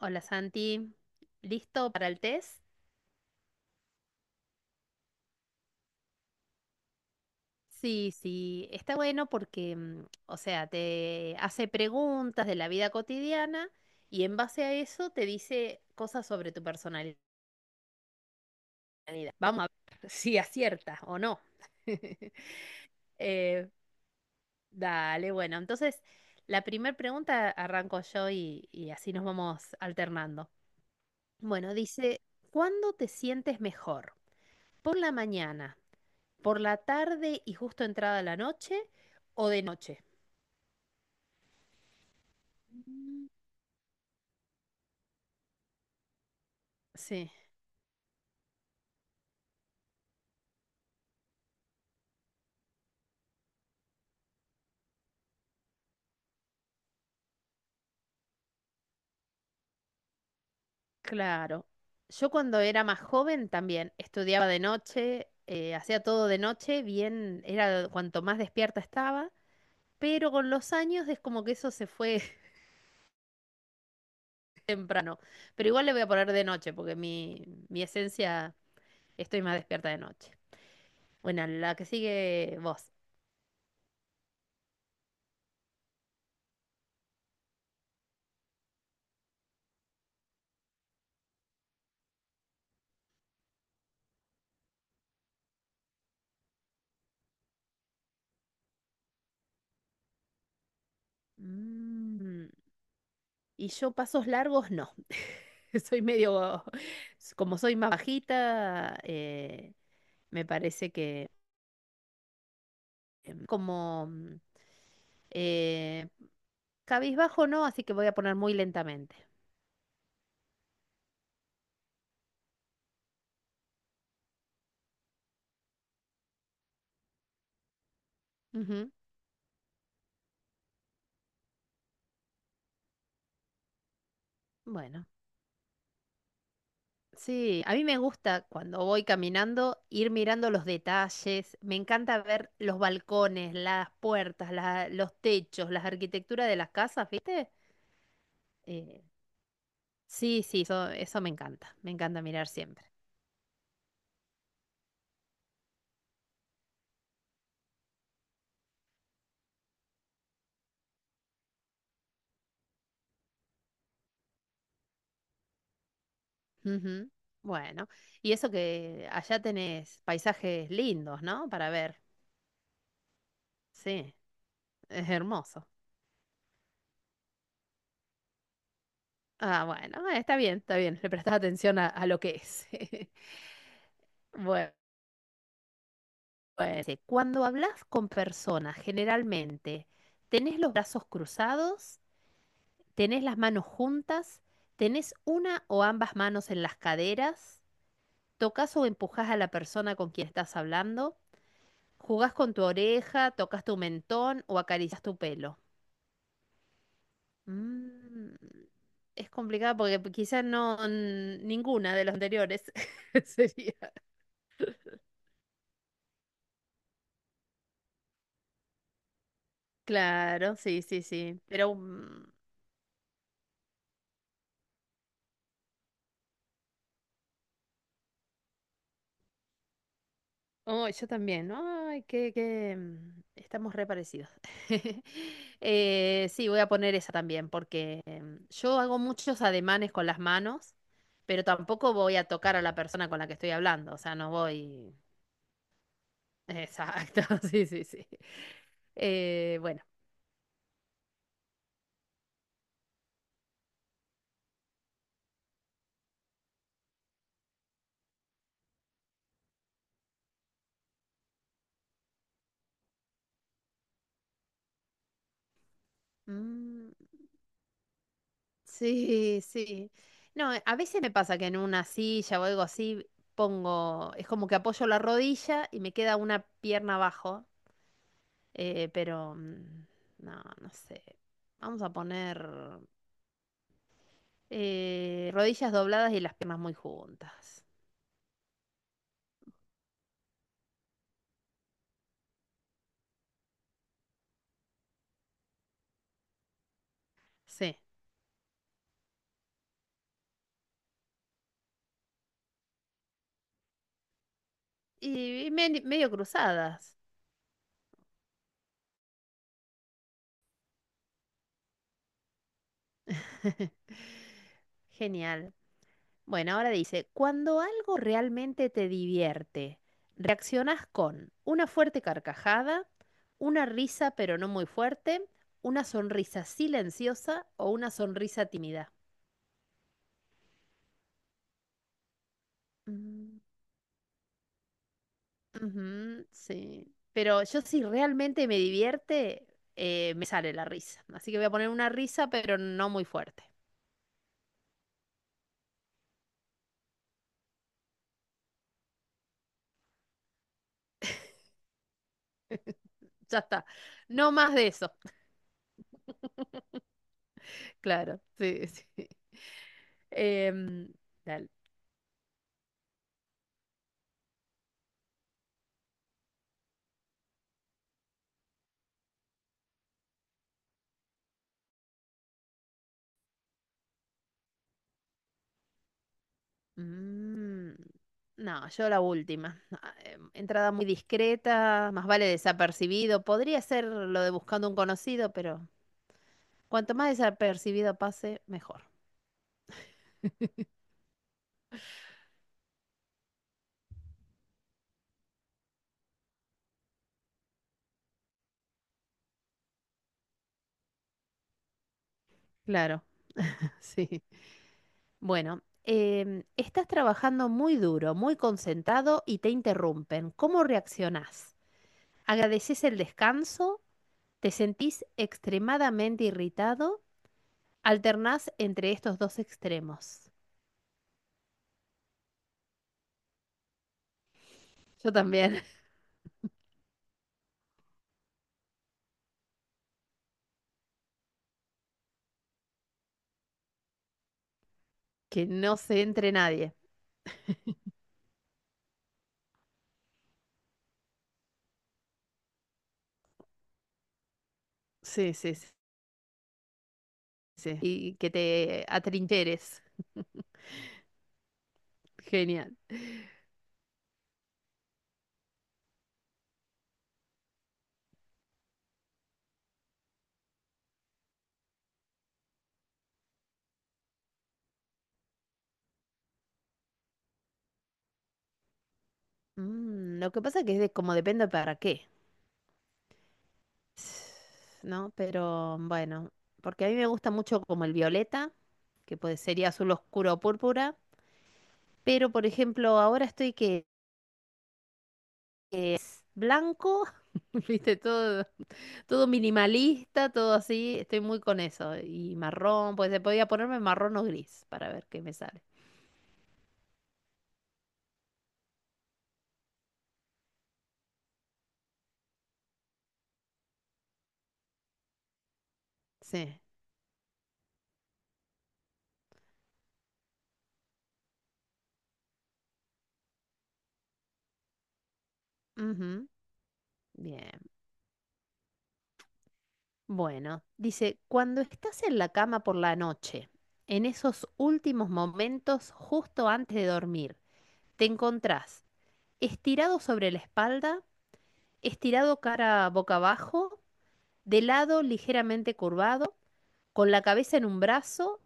Hola Santi, ¿listo para el test? Sí, sí, está bueno porque, o sea, te hace preguntas de la vida cotidiana y en base a eso te dice cosas sobre tu personalidad. Vamos a ver si aciertas o no. Eh, dale, bueno, entonces la primera pregunta arranco yo y así nos vamos alternando. Bueno, dice, ¿cuándo te sientes mejor? ¿Por la mañana? ¿Por la tarde y justo entrada la noche o de noche? Sí, claro. Yo cuando era más joven también estudiaba de noche, hacía todo de noche, bien, era cuanto más despierta estaba, pero con los años es como que eso se fue temprano. Pero igual le voy a poner de noche porque mi esencia, estoy más despierta de noche. Bueno, la que sigue vos. Mm, Y yo pasos largos no. Soy medio, como soy más bajita, me parece que em, como mm, eh, cabizbajo no, así que voy a poner muy lentamente. Ujú. Bueno, sí, a mí me gusta cuando voy caminando ir mirando los detalles. Me encanta ver los balcones, las puertas, los techos, las arquitecturas de las casas, ¿viste? Eh, sí, sí, eso me encanta. Me encanta mirar siempre. Ujú. Bueno, y eso que allá tenés paisajes lindos, ¿no? Para ver. Sí, es hermoso. Ah, bueno, está bien, está bien. Le prestás atención a lo que es. Bueno, bueno, dice, cuando hablas con personas, generalmente, ¿tenés los brazos cruzados? ¿Tenés las manos juntas? ¿Tenés una o ambas manos en las caderas? ¿Tocas o empujás a la persona con quien estás hablando? ¿Jugás con tu oreja? ¿Tocas tu mentón o acaricias tu pelo? Mm, es complicado porque quizás no n- ninguna de las anteriores sería. Claro, sí, sí, sí. Pero oh, yo también. Ay, estamos re parecidos. Sí, voy a poner esa también porque yo hago muchos ademanes con las manos, pero tampoco voy a tocar a la persona con la que estoy hablando. O sea, no voy. Exacto, sí, sí, sí. Bueno. Mm, sí, sí. No, a veces me pasa que en una silla o algo así pongo, es como que apoyo la rodilla y me queda una pierna abajo, eh, pero mm, no, no sé. Vamos a poner rodillas dobladas y las piernas muy juntas. Sí. Medio cruzadas. Genial. Bueno, ahora dice, cuando algo realmente te divierte, reaccionas con una fuerte carcajada, una risa pero no muy fuerte, una sonrisa silenciosa o una sonrisa tímida. Mm, ujú, sí. Pero yo si realmente me divierte, me sale la risa. Así que voy a poner una risa pero no muy fuerte. Ya está. No más de eso. Claro, sí, sí. Em, dale. Mm, no, yo la última. Ah, entrada muy discreta, más vale desapercibido. Podría ser lo de buscando un conocido, pero cuanto más desapercibido pase, mejor. Claro, sí. Bueno, em, estás trabajando muy duro, muy concentrado y te interrumpen. ¿Cómo reaccionás? ¿Agradeces el descanso? ¿Te sentís extremadamente irritado? ¿Alternás entre estos dos extremos? Yo también, que no se entre nadie. Sí, sí, sí. Sí. Y que te atrincheres. Genial. Mm, lo que pasa que es de, como depende para qué, ¿no? Pero bueno, porque a mí me gusta mucho como el violeta, que puede sería azul oscuro o púrpura, pero por ejemplo ahora estoy que es blanco, viste, todo, todo minimalista, todo así, estoy muy con eso. Y marrón, pues se podía ponerme marrón o gris para ver qué me sale. Sí. Ujú. Bien. Bueno, dice, cuando estás en la cama por la noche, en esos últimos momentos justo antes de dormir, te encontrás estirado sobre la espalda, estirado cara boca abajo, de lado ligeramente curvado, con la cabeza en un brazo,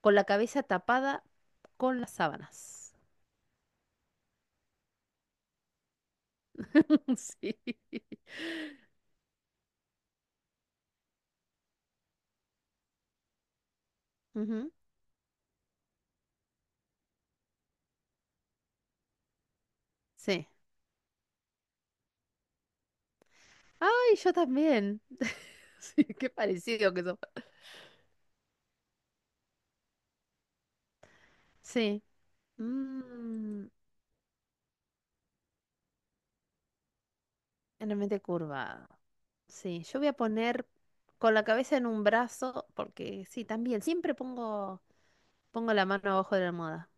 con la cabeza tapada con las sábanas. Sí. Ujú. Sí. Ay, yo también. Sí, qué parecido que eso. Sí. Mm, realmente curvado. Sí, yo voy a poner con la cabeza en un brazo, porque sí, también, pongo la mano abajo de la almohada,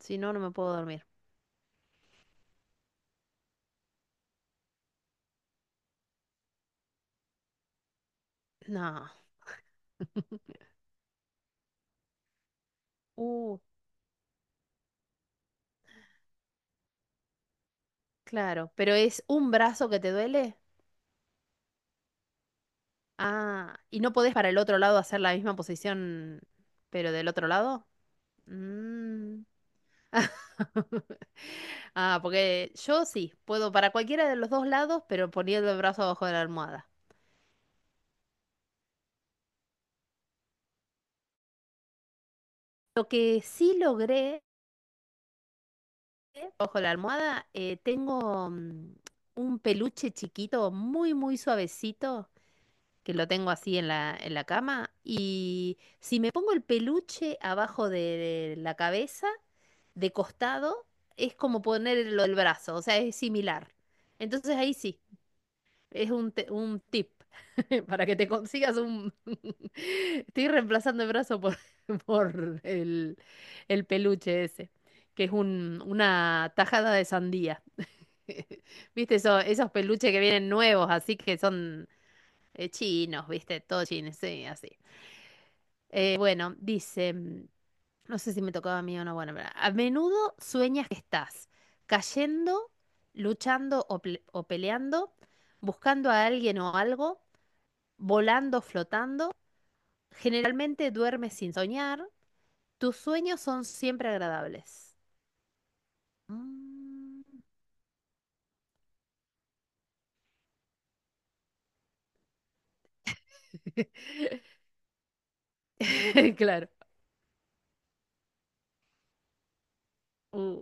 si no, no me puedo dormir. No, uh, claro, pero es un brazo que te duele. Ah, ¿y no podés para el otro lado hacer la misma posición, pero del otro lado? Mm. Ah, porque yo sí, puedo para cualquiera de los dos lados, pero poniendo el brazo abajo de la almohada. Lo que sí logré, ojo la almohada, tengo un peluche chiquito, muy, muy suavecito, que lo tengo así en en la cama. Y si me pongo el peluche abajo de la cabeza, de costado, es como ponerlo el brazo, o sea, es similar. Entonces ahí sí, es un tip para que te consigas un... Estoy reemplazando el brazo por, por el peluche ese, que es una tajada de sandía. Viste esos peluches que vienen nuevos, así que son chinos, viste, todos chinos, sí, así. Bueno, dice, no sé si me tocaba a mí o no, bueno, pero a menudo sueñas que estás cayendo, luchando o peleando, buscando a alguien o algo, volando, flotando. Generalmente duermes sin soñar, tus sueños son siempre agradables. Mm. Claro. Uh,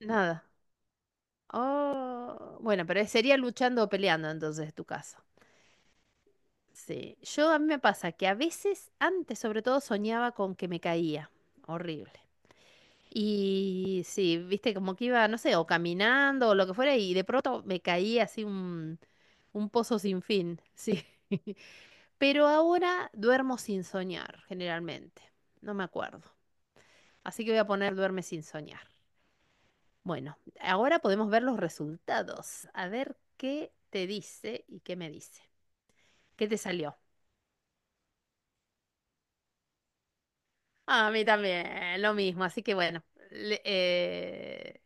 nada. Oh, bueno, pero sería luchando o peleando entonces tu caso. Sí, yo a mí me pasa que a veces, antes sobre todo, soñaba con que me caía. Horrible. Y sí, viste, como que iba, no sé, o caminando o lo que fuera, y de pronto me caía así un pozo sin fin. Sí. Pero ahora duermo sin soñar, generalmente. No me acuerdo. Así que voy a poner duerme sin soñar. Bueno, ahora podemos ver los resultados. A ver qué te dice y qué me dice. ¿Qué te salió? A mí también, lo mismo. Así que bueno, le- eh,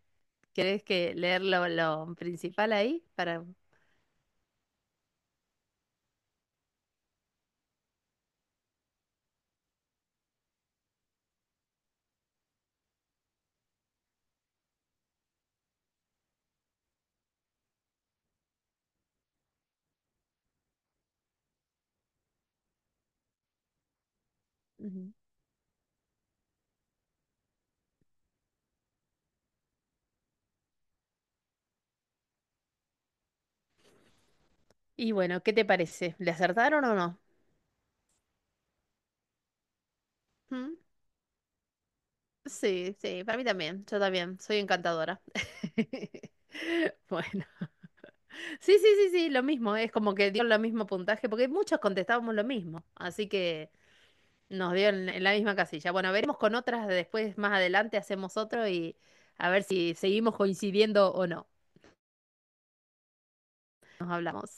¿querés que leer lo principal ahí? Para... Ujú. Y bueno, ¿qué te parece? ¿Le acertaron o no? ¿Mm? Sí, sí, para mí también. Yo también, soy encantadora. Bueno. Sí, sí, sí, sí, lo mismo, es como que dio lo mismo puntaje, porque muchos contestábamos lo mismo, así que nos dio en la misma casilla. Bueno, veremos con otras, después más adelante hacemos otro y a ver si seguimos coincidiendo o no. Nos hablamos.